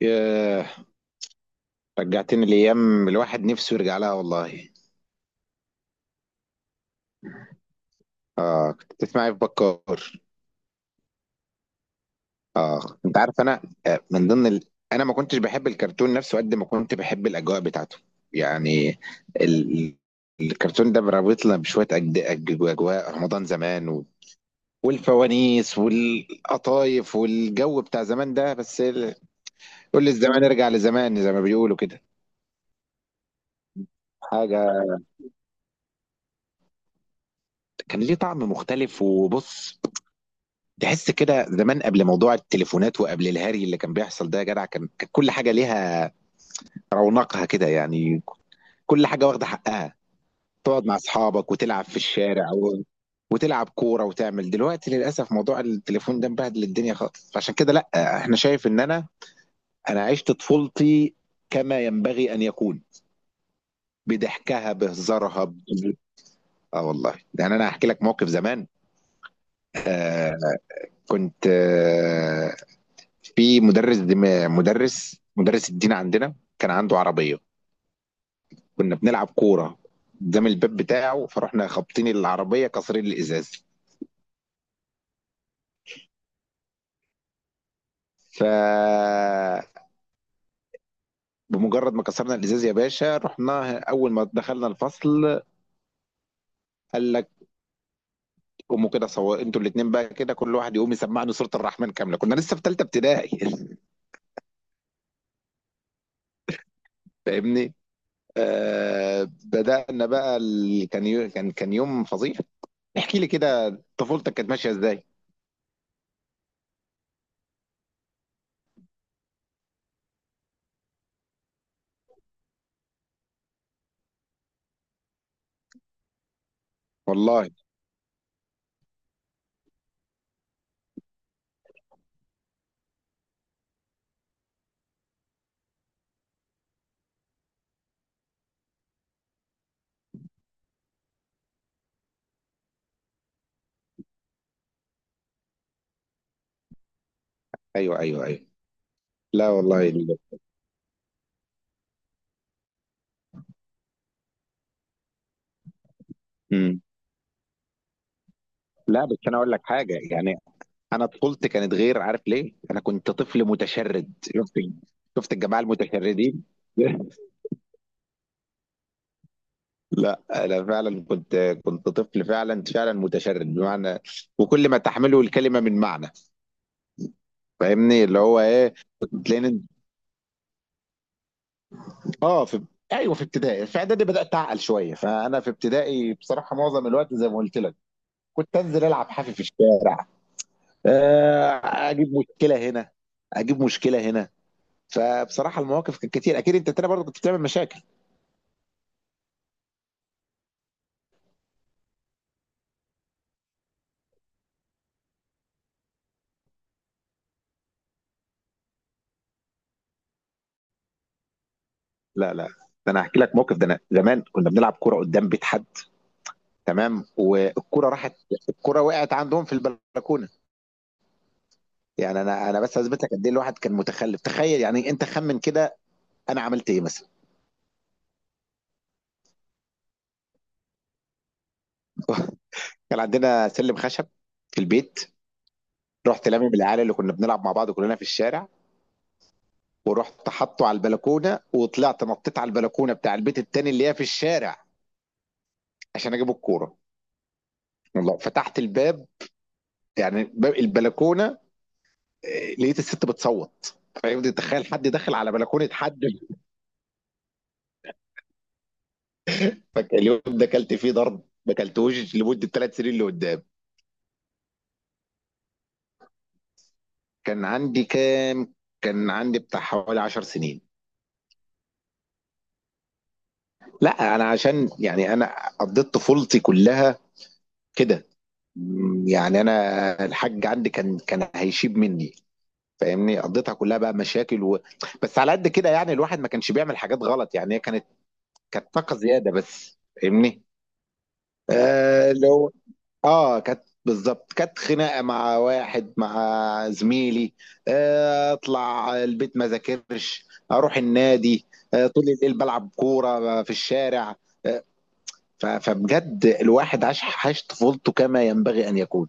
ياه، رجعتني لأيام الواحد نفسه يرجع لها والله. كنت بتسمع إيه في بكار؟ آه أنت عارف أنا، آه، من ضمن ال... أنا ما كنتش بحب الكرتون نفسه قد ما كنت بحب الأجواء بتاعته. يعني ال... الكرتون ده رابطنا بشوية أجواء رمضان زمان والفوانيس والقطايف والجو بتاع زمان ده، بس كل الزمان يرجع لزمان زي ما بيقولوا كده. حاجة كان ليه طعم مختلف، وبص، تحس كده زمان قبل موضوع التليفونات وقبل الهري اللي كان بيحصل ده، يا جدع كانت كل حاجه ليها رونقها كده يعني. كل حاجه واخده حقها. تقعد مع اصحابك وتلعب في الشارع وتلعب كوره وتعمل. دلوقتي للاسف موضوع التليفون ده مبهدل الدنيا خالص، فعشان كده لا. احنا شايف ان انا عشت طفولتي كما ينبغي ان يكون، بضحكها بهزارها اه والله. يعني انا هحكي لك موقف زمان. آه كنت في مدرس، مدرس الدين عندنا كان عنده عربية. كنا بنلعب كورة قدام الباب بتاعه، فرحنا خابطين العربية كسرين الإزاز. ف بمجرد ما كسرنا الإزاز يا باشا، رحنا أول ما دخلنا الفصل، قال لك قوموا كده، صور انتوا الاتنين بقى كده، كل واحد يقوم يسمعني سورة الرحمن كاملة. كنا لسه في تالتة ابتدائي. فاهمني. بدأنا بقى ال... كان يو... كان كان يوم فظيع. احكي لي كده طفولتك كانت ماشية ازاي. والله. ايوه ايوه ايوه. لا والله مم. لا بس انا اقول لك حاجه يعني، انا طفولتي كانت غير. عارف ليه؟ انا كنت طفل متشرد، شفت؟ شفت الجماعه المتشردين. لا انا فعلا كنت، كنت طفل فعلا فعلا متشرد بمعنى وكل ما تحمله الكلمه من معنى. فاهمني اللي هو ايه. تلاقيني اه في ايوه في ابتدائي، في اعدادي بدات اعقل شويه. فانا في ابتدائي بصراحه معظم الوقت زي ما قلت لك كنت انزل العب حافي في الشارع. آه، اجيب مشكله هنا، اجيب مشكله هنا. فبصراحه المواقف كانت كتير، اكيد. انت تاني برضه كنت بتعمل مشاكل. لا لا، ده انا هحكي لك موقف. ده انا زمان كنا بنلعب كوره قدام بيت حد، تمام؟ والكوره راحت، الكوره وقعت عندهم في البلكونه. يعني انا بس اثبت لك قد ايه الواحد كان متخلف. تخيل يعني، انت خمن كده انا عملت ايه مثلا. كان عندنا سلم خشب في البيت، رحت لامم العيال اللي كنا بنلعب مع بعض كلنا في الشارع، ورحت حاطه على البلكونه وطلعت نطيت على البلكونه بتاع البيت التاني اللي هي في الشارع عشان اجيب الكوره. والله فتحت الباب، يعني باب البلكونه، لقيت الست بتصوت. فاهم؟ تخيل حد داخل على بلكونه حد. فاليوم ده اكلت فيه ضرب ما اكلتوش لمده 3 سنين اللي قدام. كان عندي كام؟ كان عندي بتاع حوالي 10 سنين. لا انا عشان يعني انا قضيت طفولتي كلها كده، يعني انا الحاج عندي كان هيشيب مني، فاهمني. قضيتها كلها بقى مشاكل بس على قد كده. يعني الواحد ما كانش بيعمل حاجات غلط، يعني هي كانت، كانت طاقه زياده بس، فاهمني. آه لو اه كانت بالظبط، كانت خناقه مع واحد، مع زميلي. اطلع البيت ما ذاكرش، اروح النادي. طول الليل بلعب كوره في الشارع. آه، فبجد الواحد عاش، عاش طفولته كما ينبغي ان يكون.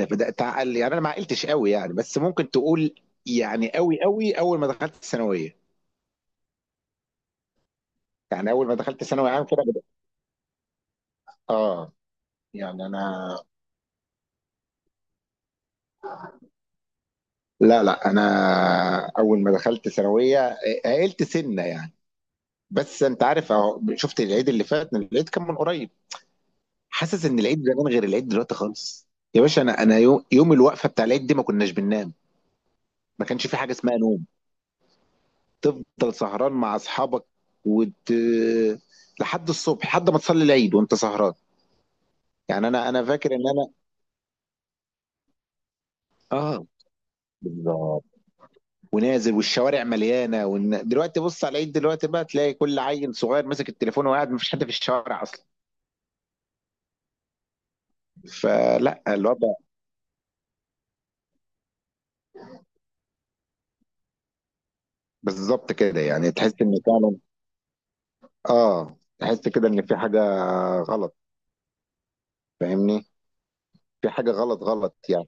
انا بدات اعقل، يعني انا ما عقلتش قوي يعني، بس ممكن تقول يعني قوي قوي اول ما دخلت الثانويه. يعني اول ما دخلت ثانوي عام كده بدأ. اه يعني انا، لا لا انا اول ما دخلت ثانويه عقلت سنه يعني. بس انت عارف اهو، شفت العيد اللي فات؟ العيد كان من قريب، حاسس ان العيد زمان غير العيد دلوقتي خالص. يا باشا انا يوم الوقفه بتاع العيد دي ما كناش بننام، ما كانش في حاجه اسمها نوم. تفضل سهران مع اصحابك وت... لحد الصبح، لحد ما تصلي العيد وانت سهران. يعني انا فاكر ان انا، اه بالظبط، ونازل والشوارع مليانه دلوقتي بص على العيد. دلوقتي بقى تلاقي كل عيل صغير ماسك التليفون وقاعد، ما فيش حد في الشوارع اصلا. فلا الوضع بالظبط كده. يعني تحس ان فعلا اه، تحس كده ان في حاجه غلط، فاهمني. في حاجه غلط غلط يعني.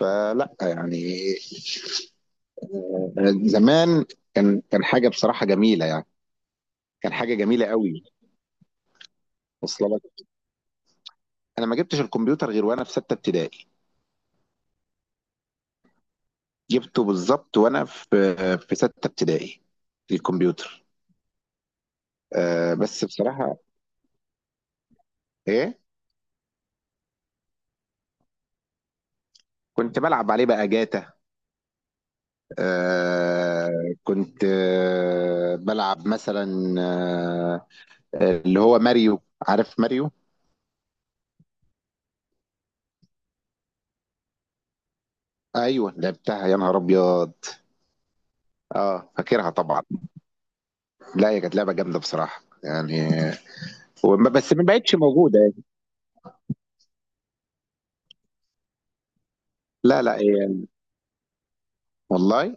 فلا يعني زمان، كان حاجه بصراحه جميله يعني، كان حاجه جميله قوي. واصله لك. انا ما جبتش الكمبيوتر غير وانا في سته ابتدائي. جبته بالظبط وانا في، في سته ابتدائي الكمبيوتر. بس بصراحه، ايه، كنت بلعب عليه بقى جاتا. آه كنت بلعب مثلا، آه اللي هو ماريو. عارف ماريو؟ ايوه لعبتها يا نهار ابيض. اه فاكرها طبعا. لا هي كانت لعبه جامده بصراحه يعني. بس ما بقتش موجوده يعني. لا لا هي، والله.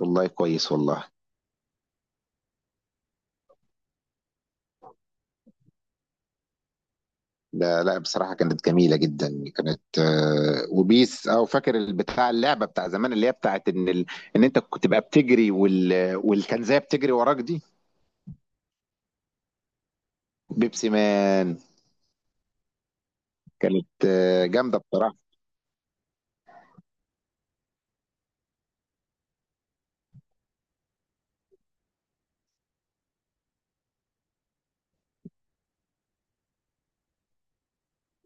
والله كويس والله. لا لا بصراحه كانت جميله جدا. كانت وبيس. او فاكر البتاع، اللعبه بتاع زمان اللي هي بتاعت ان ان انت كنت تبقى بتجري والكنزيه بتجري وراك دي. بيبسي مان؟ كانت جامده بصراحه.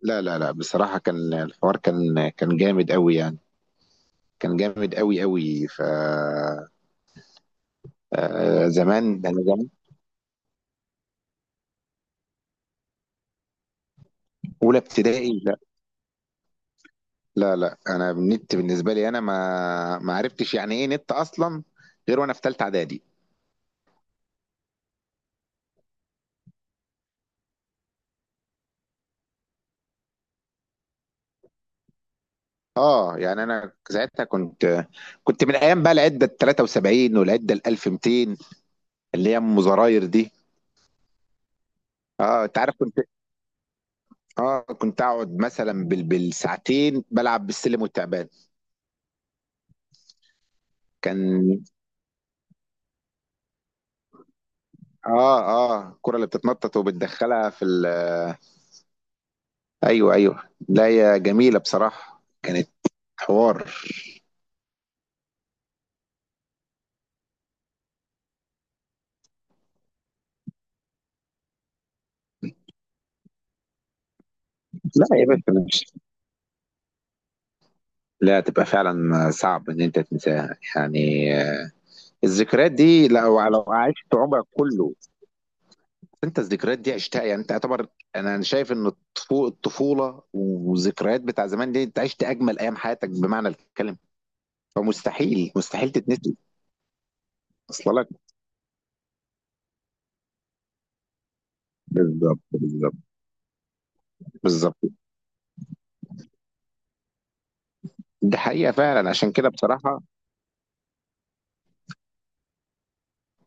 لا لا لا بصراحه كان الحوار، كان جامد قوي يعني، كان جامد قوي قوي. ف آه زمان ده، انا زمان. اولى ابتدائي؟ لا لا لا، انا النت بالنسبه لي، انا ما عرفتش يعني ايه نت اصلا غير وانا في ثالثه اعدادي. اه يعني انا ساعتها كنت، كنت من ايام بقى العده ال 73 والعده ال 1200 اللي هي ام زراير دي. اه انت عارف كنت، اه كنت اقعد مثلا بالساعتين بلعب بالسلم والتعبان. كان، اه الكره اللي بتتنطط وبتدخلها في ايوه ايوه. لا هي جميله بصراحه، كانت حوار. لا يا باشا مش، لا تبقى فعلا صعب ان انت تنساها يعني. الذكريات دي لو عشت عمرك كله انت الذكريات دي عشتها. يعني انت اعتبر انا أنا شايف ان الطفوله والذكريات بتاع زمان دي انت عشت اجمل ايام حياتك بمعنى الكلمه. فمستحيل مستحيل تتنسي. اصلا لك بالظبط بالظبط. بالظبط دي حقيقه فعلا. عشان كده بصراحه،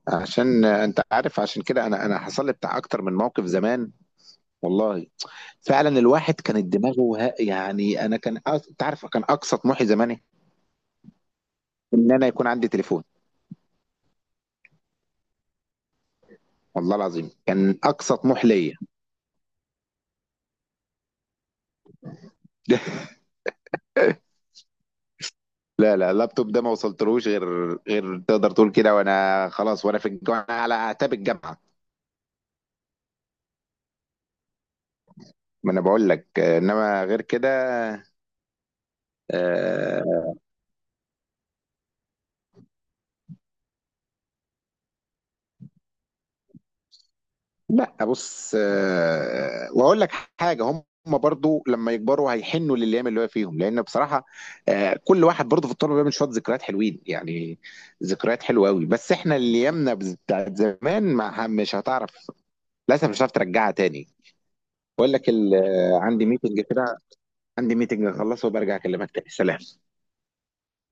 عشان انت عارف عشان كده انا حصل لي بتاع اكتر من موقف زمان والله. فعلا الواحد كانت دماغه يعني انا كان، انت عارف كان اقصى طموحي زمان إيه؟ ان انا يكون عندي تليفون. والله العظيم كان اقصى طموح ليا. لا لا، اللابتوب ده ما وصلتلوش غير، غير تقدر تقول كده وانا خلاص، وانا في الجامعه على اعتاب الجامعه. ما انا بقول لك انما غير كده آه، لا بص واقول لك حاجه. هم برضو لما يكبروا هيحنوا للايام اللي هو فيهم، لان بصراحه كل واحد برضو في الطلبه بيعمل شويه ذكريات حلوين يعني، ذكريات حلوه قوي. بس احنا اللي ايامنا بتاعت زمان ما، مش هتعرف للاسف، مش هتعرف ترجعها تاني. بقول لك عندي ميتنج كده، عندي ميتنج اخلصه وبرجع اكلمك تاني. سلام.